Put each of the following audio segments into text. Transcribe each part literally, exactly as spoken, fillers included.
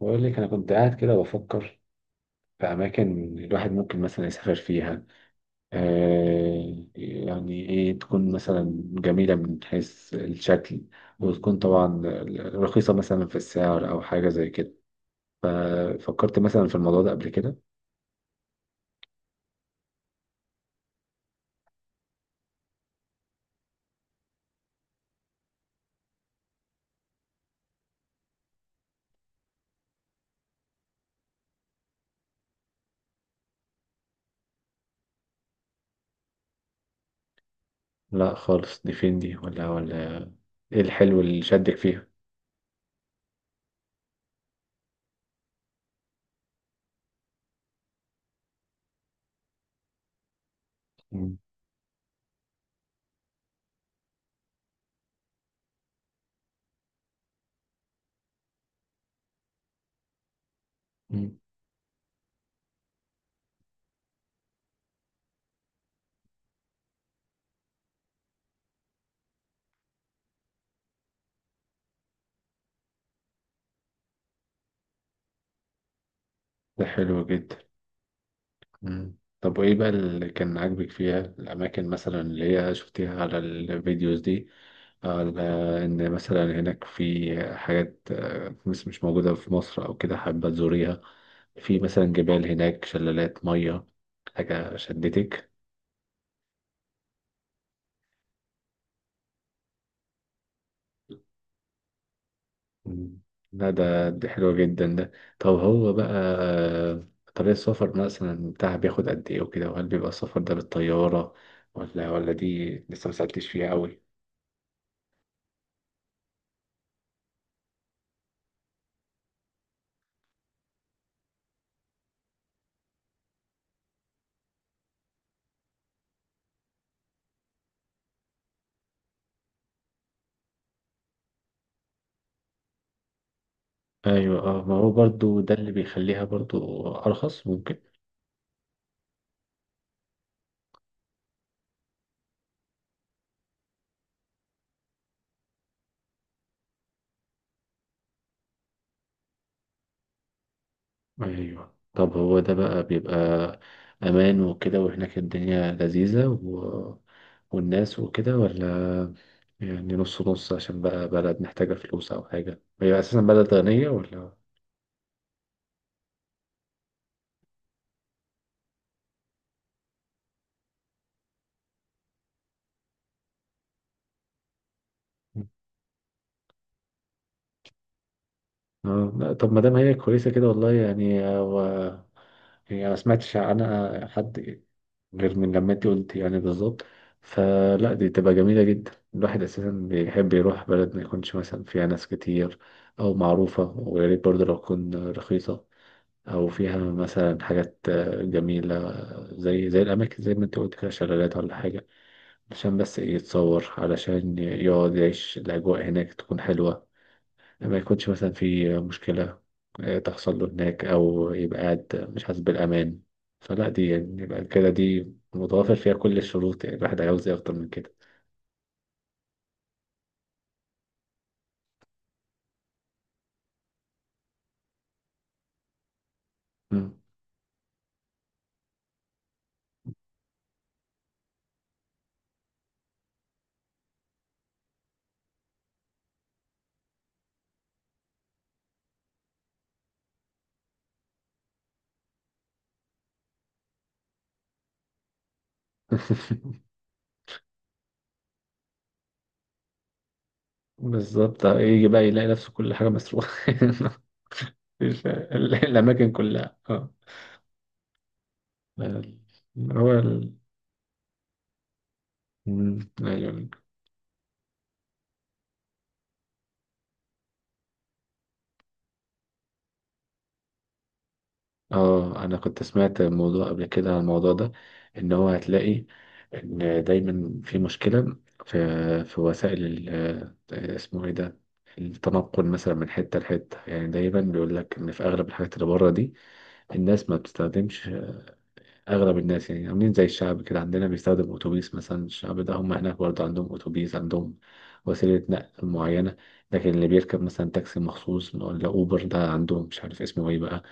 بقول لك انا كنت قاعد كده بفكر في اماكن الواحد ممكن مثلا يسافر فيها. آه يعني ايه تكون مثلا جميله من حيث الشكل، وتكون طبعا رخيصه مثلا في السعر او حاجه زي كده. فكرت مثلا في الموضوع ده قبل كده؟ لا خالص، دي فين دي ولا ولا؟ ايه الحلو اللي شدك فيها؟ مم. مم. ده حلو جدا. مم. طب وإيه بقى اللي كان عاجبك فيها؟ الأماكن مثلا اللي هي شفتيها على الفيديوز دي، على إن مثلا هناك في حاجات آه، مش مش موجودة في مصر أو كده حابة تزوريها؟ في مثلا جبال هناك، شلالات مية، حاجة شدتك؟ مم. لا ده دي حلوة جدا ده. طب هو بقى، آه، طريق السفر مثلا بتاعها بياخد قد إيه وكده، وهل بيبقى السفر ده بالطيارة ولا ولا دي لسه مسألتش فيها أوي؟ ايوه، اه، ما هو برضو ده اللي بيخليها برضو ارخص ممكن. ايوه، طب هو ده بقى بيبقى امان وكده؟ وهناك الدنيا لذيذة و... والناس وكده، ولا يعني نص نص عشان بقى بلد محتاجة فلوس او حاجة، هي اساسا بلد غنية ولا؟ اه، لا، طب ما دام هي كويسة كده، والله يعني آه، و... يعني أنا ما سمعتش عنها حد غير من لما انت قلت، يعني بالظبط. فلا دي تبقى جميلة جدا. الواحد أساسا بيحب يروح بلد ما يكونش مثلا فيها ناس كتير أو معروفة، ويا ريت برضه لو تكون رخيصة، أو فيها مثلا حاجات آه، جميلة آه، زي زي الأماكن زي ما انت قلت كده، شلالات ولا حاجة، عشان بس إيه يتصور، علشان يقعد يعيش الأجواء هناك تكون حلوة، ما يكونش مثلا في مشكلة آه، تحصل له هناك، أو يبقى قاعد مش حاسس بالأمان. فلا دي يعني يبقى كده، دي متوافر فيها كل الشروط، يعني الواحد عاوز إيه أكتر من كده؟ مم. بالظبط، آه، يجي بقى يلاقي نفسه كل حاجة مسروقة. مش- الأماكن كلها، اه. هو ال... مم. أيوة، اه. انا كنت سمعت الموضوع قبل كده، عن الموضوع ده ان هو هتلاقي ان دايما في مشكلة في في وسائل ال- آه، اسمه ايه ده، التنقل مثلا من حتة لحتة. يعني دايما بيقول لك ان في اغلب الحاجات اللي بره دي الناس ما بتستخدمش. اغلب الناس يعني عاملين زي الشعب كده عندنا، بيستخدم اتوبيس مثلا. الشعب ده هم هناك برضه عندهم اتوبيس، عندهم وسيله نقل معينه. لكن اللي بيركب مثلا تاكسي مخصوص ولا اوبر، ده عندهم مش عارف اسمه ايه بقى،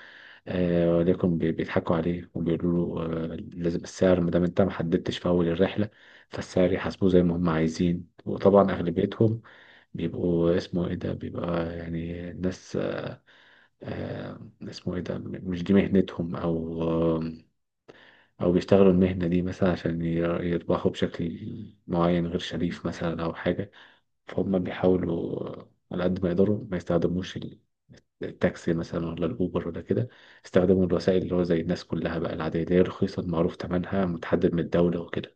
آه. ولكن بي- بيضحكوا عليه وبيقولوا له آه لازم السعر، ما دام انت ما حددتش في اول الرحله، فالسعر يحاسبوه زي ما هم عايزين. وطبعا اغلبيتهم بيبقوا اسمه ايه ده، بيبقى يعني ناس آه اسمه ايه ده، مش دي مهنتهم، او أو بيشتغلوا المهنة دي مثلا عشان ير- يربحوا بشكل معين غير شريف مثلا أو حاجة. فهم بيحاولوا على قد ما يقدروا ما يستخدموش ال- التاكسي مثلا ولا الأوبر ولا كده، استخدموا الوسائل اللي هو زي الناس كلها بقى العادية، اللي هي رخيصة، معروف تمنها، متحدد من الدولة وكده.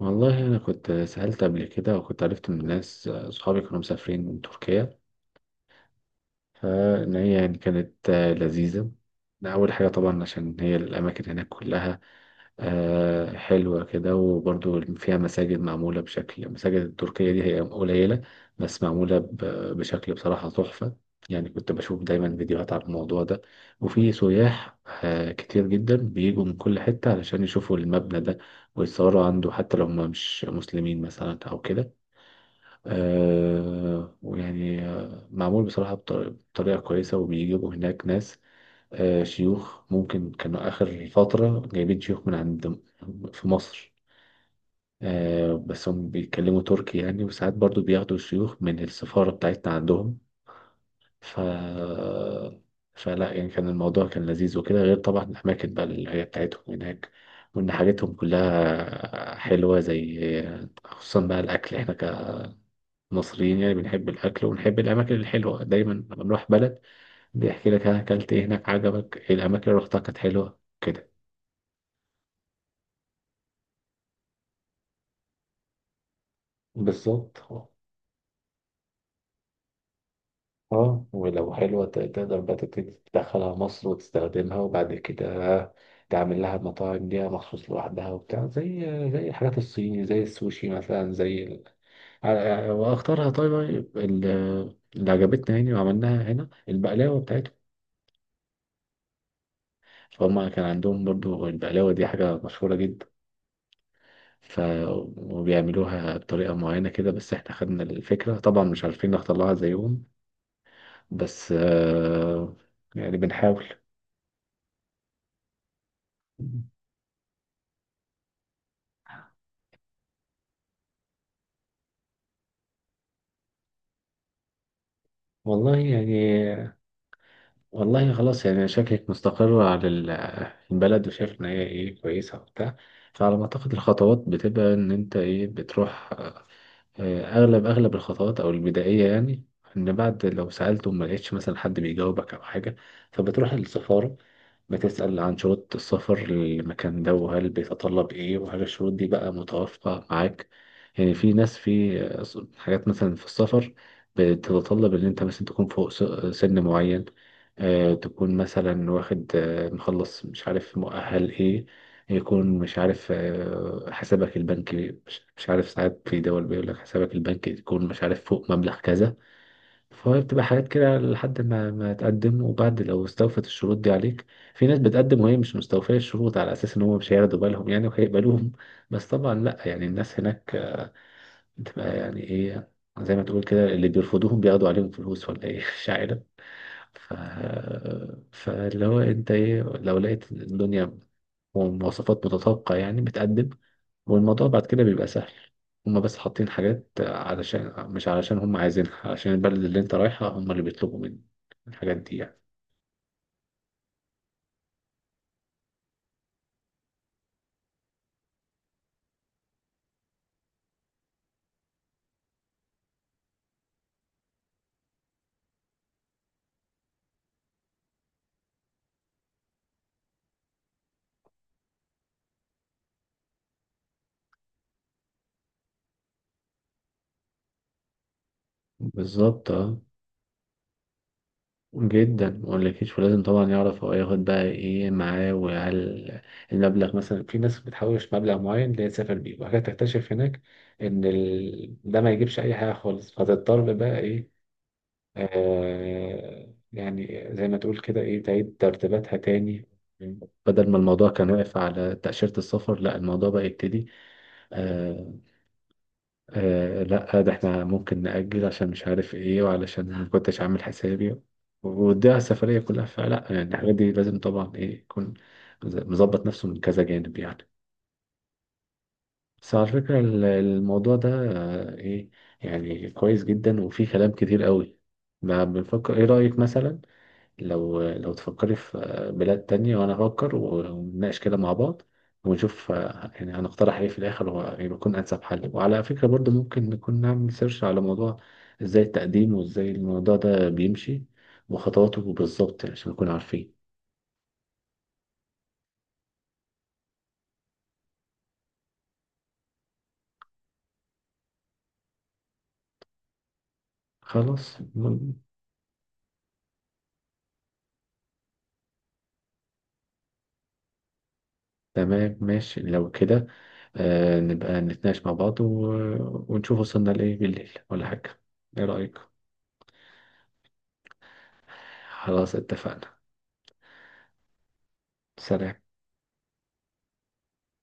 والله أنا كنت سألت قبل كده، وكنت عرفت من ناس صحابي كانوا مسافرين تركيا، فإن هي يعني كانت لذيذة. أول حاجة طبعا عشان هي الأماكن هناك كلها آه، حلوة كده، وبرضو فيها مساجد معمولة بشكل. المساجد التركية دي هي قليلة، بس معمولة ب- بشكل بصراحة تحفة. يعني كنت بشوف دايما فيديوهات على الموضوع ده، وفي سياح آه، كتير جدا بيجوا من كل حتة علشان يشوفوا المبنى ده، ويتصوروا عنده حتى لو هم مش مسلمين مثلا أو كده. آه، ويعني آه، معمول بصراحة بطر- بطريقة كويسة، وبيجيبوا هناك ناس آه، شيوخ. ممكن كانوا آخر فترة جايبين شيوخ من عند في مصر، آه، بس هم بيتكلموا تركي يعني، وساعات برضو بياخدوا شيوخ من السفارة بتاعتنا عندهم. ف فلا يعني كان الموضوع كان لذيذ وكده، غير طبعا الأماكن بقى اللي هي بتاعتهم هناك، وإن حاجتهم كلها حلوة، زي خصوصا بقى الأكل. إحنا كمصريين يعني بنحب الأكل، ونحب الأماكن الحلوة دايما لما بنروح بلد بيحكي لك أنا أكلت إيه هناك، عجبك إيه الأماكن اللي رحتها كانت حلوة كده. بالظبط. اه، ولو حلوة ت- تقدر بقى تبتدي تدخلها مصر وتستخدمها، وبعد كده تعمل لها مطاعم ليها مخصوص لوحدها وبتاع، زي زي الحاجات الصيني زي السوشي مثلا زي ال... ع- واختارها. طيب طيب، ال- اللي عجبتنا يعني وعملناها هنا البقلاوة بتاعتهم. فهم كان عندهم برضو البقلاوة دي حاجة مشهورة جدا. ف وبيعملوها بطريقة معينة كده، بس احنا خدنا الفكرة طبعا، مش عارفين نختار لها زيهم، بس آه، يعني بنحاول. والله يعني، والله خلاص يعني شكلك مستقرة على ال- البلد وشايف إن هي إيه كويسة وبتاع. فعلى ما أعتقد الخطوات بتبقى إن أنت إيه بتروح، آه، اغلب اغلب الخطوات او البدائيه يعني، ان بعد لو سالت وما لقيتش مثلا حد بيجاوبك او حاجه فبتروح للسفاره، بتسال عن شروط السفر للمكان ده، وهل بيتطلب ايه، وهل الشروط دي بقى متوافقه معاك. يعني في ناس في آه، ص- حاجات مثلا في السفر بتتطلب ان انت مثلا تكون فوق س- سن معين، آه، تكون مثلا واخد آه، مخلص مش عارف مؤهل ايه، يكون مش عارف آه، حسابك البنكي، مش مش عارف ساعات في دول بيقول لك حسابك البنكي يكون مش عارف فوق مبلغ كذا. فهي بتبقى حاجات كده لحد ما ما تقدم، وبعد لو استوفت الشروط دي عليك. في ناس بتقدم وهي مش مستوفية الشروط على أساس إن هم مش هياخدوا بالهم يعني وهيقبلوهم. بس طبعا لأ، يعني الناس هناك بتبقى يعني إيه، زي ما تقول كده اللي بيرفضوهم بياخدوا عليهم فلوس ولا إيه، مش عارف. ف... فاللي هو أنت إيه لو لقيت الدنيا ومواصفات متطابقة، يعني بتقدم، والموضوع بعد كده بيبقى سهل. هما بس حاطين حاجات علشان، مش علشان هما عايزينها، عشان البلد اللي انت رايحها هما اللي بيطلبوا منك الحاجات دي يعني. بالظبط، اه، جدا مقولكيش. ولازم طبعا يعرف هو ياخد بقى ايه معاه، وهل المبلغ مثلا، في ناس بتحوش مبلغ معين اللي هي تسافر بيه، وبعد كده تكتشف هناك ان ال... ده ما يجيبش اي حاجه خالص، فتضطر بقى ايه، آه يعني زي ما تقول كده ايه، تعيد ترتيباتها تاني، بدل ما الموضوع كان واقف على تأشيرة السفر، لا الموضوع بقى يبتدي. آه آه لا ده احنا ممكن نأجل عشان مش عارف ايه، وعلشان ما كنتش عامل حسابي، وده السفرية كلها. فلا يعني الحاجات دي لازم طبعا ايه يكون مظبط نفسه من كذا جانب يعني. بس على فكرة ال- الموضوع ده آه، ايه يعني كويس جدا، وفيه كلام كتير قوي ما بنفكر. ايه رأيك مثلا، لو لو تفكري في بلاد تانية وأنا أفكر، ونناقش كده مع بعض، ونشوف آه، يعني هنقترح إيه في الآخر ويكون أنسب حل. وعلى فكرة برضو ممكن نكون نعمل سيرش على موضوع إزاي التقديم وإزاي الموضوع ده بيمشي، وخطواته بالظبط يعني عشان نكون عارفين. خلاص م- تمام، ماشي لو كده. آه نبقى نتناقش مع بعض، و... ونشوف وصلنا لإيه بالليل ولا حاجة، إيه رأيك؟ خلاص اتفقنا. سلام.